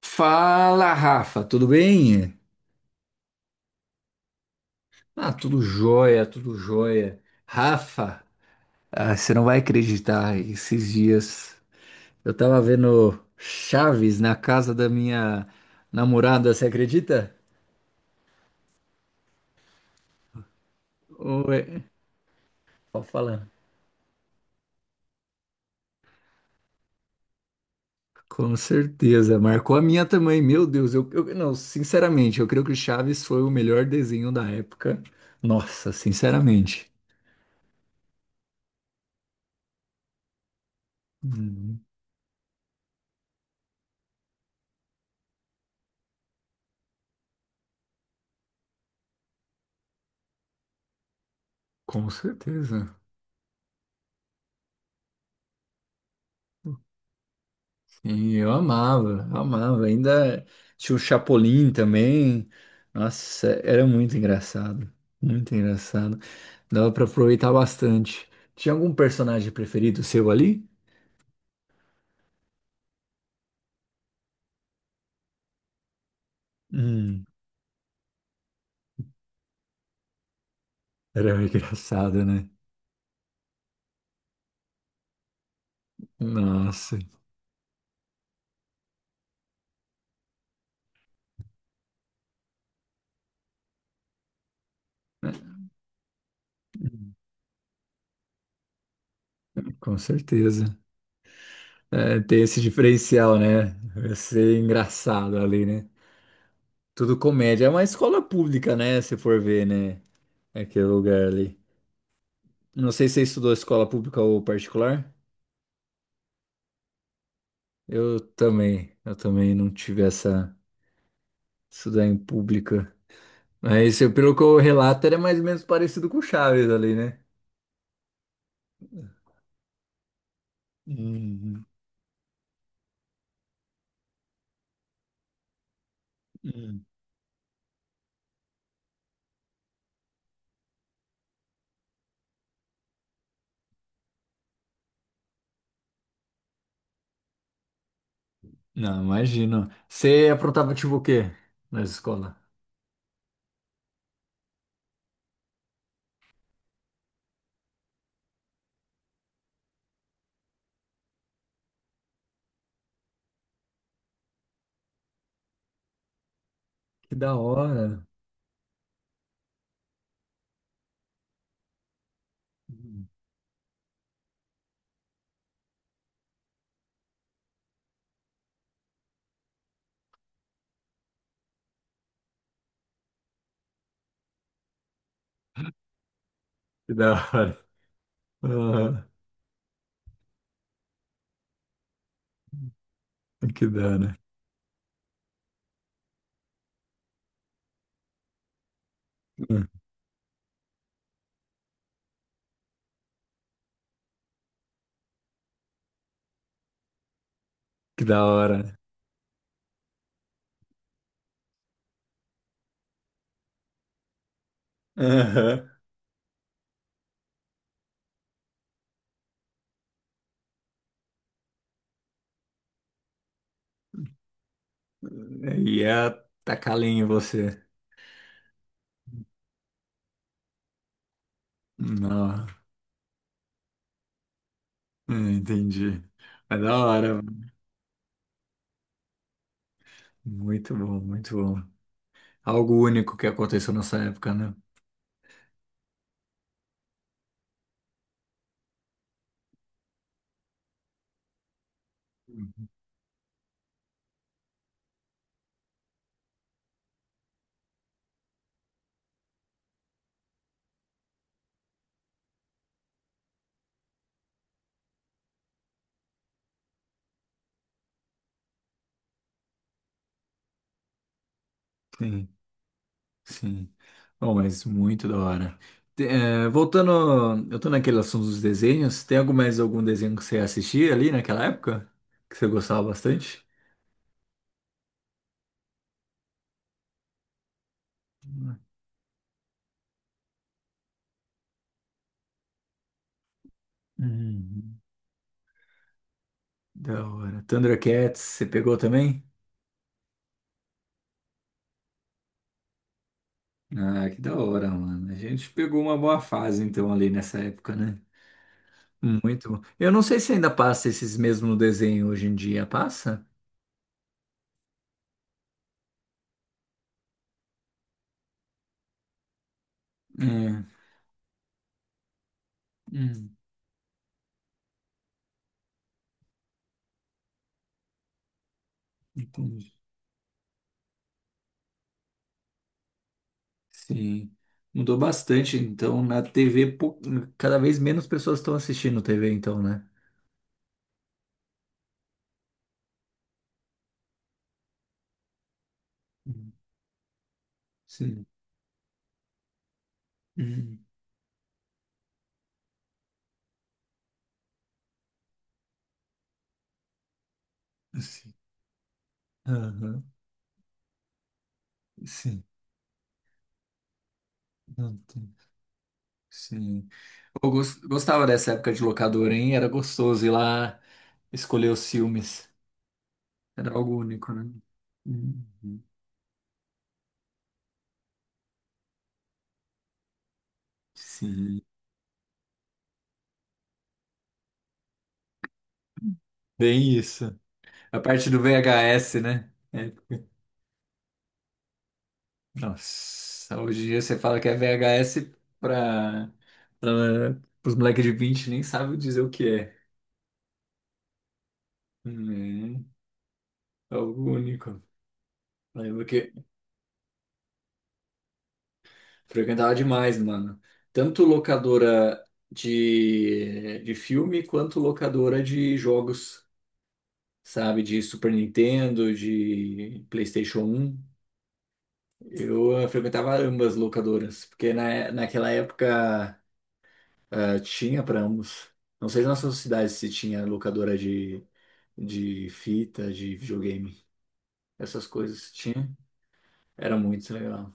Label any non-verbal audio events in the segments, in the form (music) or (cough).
Fala, Rafa, tudo bem? Ah, tudo jóia, tudo jóia. Rafa, você não vai acreditar, esses dias eu tava vendo Chaves na casa da minha namorada, você acredita? Ué, pode falar. Com certeza, marcou a minha também, meu Deus, não, sinceramente, eu creio que Chaves foi o melhor desenho da época. Nossa, sinceramente. Hum, com certeza. Sim, eu amava, amava. Ainda tinha o Chapolin também. Nossa, era muito engraçado. Muito engraçado. Dava pra aproveitar bastante. Tinha algum personagem preferido seu ali? Hum, era (laughs) engraçado, né? Nossa, com certeza. É, tem esse diferencial, né? Vai ser engraçado ali, né? Tudo comédia. É uma escola pública, né? Se for ver, né? Aquele lugar ali. Não sei se você estudou escola pública ou particular. Eu também não tive essa isso daí em pública. Mas pelo que eu relato, era mais ou menos parecido com o Chaves ali, né? Uhum, uhum. Não, imagino. Você aprontava tipo o quê na escola? Que da hora. Uhum. Que da hora. Ah, que da hora. Ah, que da hora. Né? Aham. Ia tacar lenha em você. Não, entendi. Mas da hora. Muito bom, muito bom. Algo único que aconteceu nessa época, né? Sim, sim. Bom, mas muito da hora. Voltando, eu tô naquele assunto dos desenhos. Tem algum mais algum desenho que você assistia ali naquela época? Que você gostava bastante? Uhum. Da hora. Thundercats, você pegou também? Ah, que da hora, mano. A gente pegou uma boa fase, então, ali nessa época, né? Muito bom. Eu não sei se ainda passa esses mesmos desenhos hoje em dia. Passa? É. Hum, entendi. Sim, mudou bastante. Então, na TV, cada vez menos pessoas estão assistindo TV, então, né? Hum, sim. Hum, sim. Aham, sim. Não tem. Sim. Eu gostava dessa época de locadora, hein? Era gostoso ir lá escolher os filmes. Era algo único, né? Uhum. Sim. Bem isso. A parte do VHS, né? É. Nossa, hoje em dia você fala que é VHS para os moleques de 20 nem sabem dizer o que é. Hum, é algo único. Lembro que frequentava demais, mano. Tanto locadora de filme quanto locadora de jogos, sabe? De Super Nintendo, de PlayStation um. Eu frequentava ambas locadoras, porque naquela época. Ah, tinha para ambos. Não sei na sua cidade se tinha locadora de fita, de videogame. Essas coisas tinha. Era muito legal.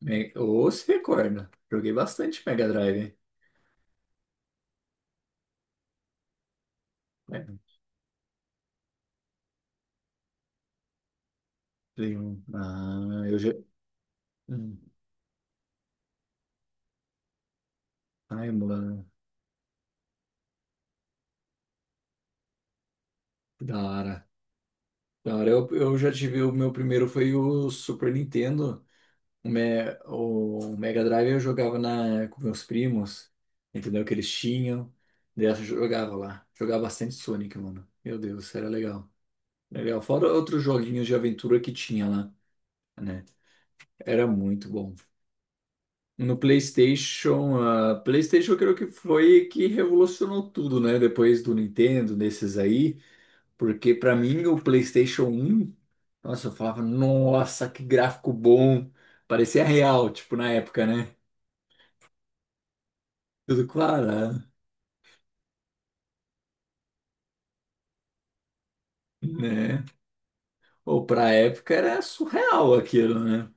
Ou se recorda. Joguei bastante Mega Drive, hein? É, Play 1. Ah, eu já. Hum. Ai, mano. Da hora. Da hora. Eu já tive o meu primeiro foi o Super Nintendo. O Mega Drive eu jogava com meus primos, entendeu? Que eles tinham. Daí eu jogava lá. Jogava bastante Sonic, mano. Meu Deus, era legal. Legal. Fora outros joguinhos de aventura que tinha lá, né? Era muito bom. No PlayStation, ah, PlayStation eu creio que foi que revolucionou tudo, né? Depois do Nintendo, desses aí. Porque pra mim o PlayStation um, nossa, eu falava, nossa, que gráfico bom. Parecia real, tipo, na época, né? Tudo clarado, né? Né? Ou para época era surreal aquilo, né?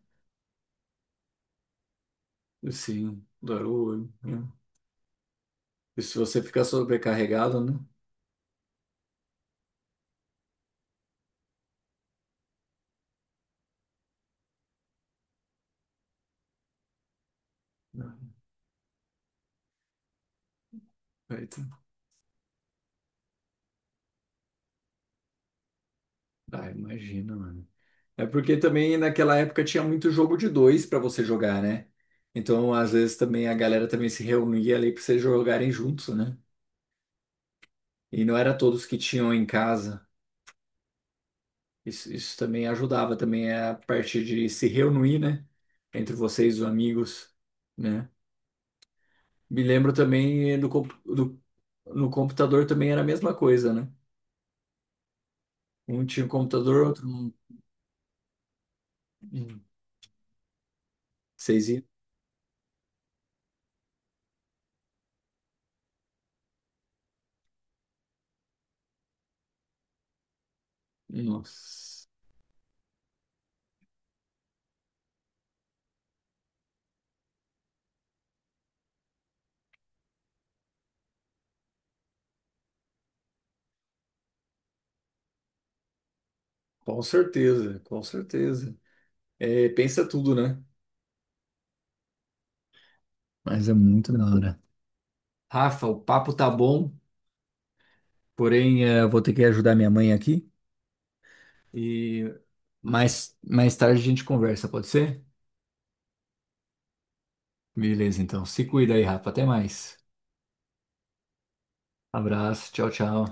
Assim, dar o olho, né? E se você ficar sobrecarregado, né? Eita. Ah, imagina, mano. É porque também naquela época tinha muito jogo de dois para você jogar, né? Então, às vezes também a galera também se reunia ali para vocês jogarem juntos, né? E não era todos que tinham em casa. Isso também ajudava também a parte de se reunir, né? Entre vocês, os amigos, né? Me lembro também no computador também era a mesma coisa, né? Um tinha um computador, outro não. Hum. Vocês iam? Nossa, com certeza, com certeza. É, pensa tudo, né? Mas é muito da hora. Rafa, o papo tá bom, porém eu vou ter que ajudar minha mãe aqui e mais tarde a gente conversa, pode ser? Beleza, então. Se cuida aí, Rafa. Até mais. Abraço, tchau, tchau.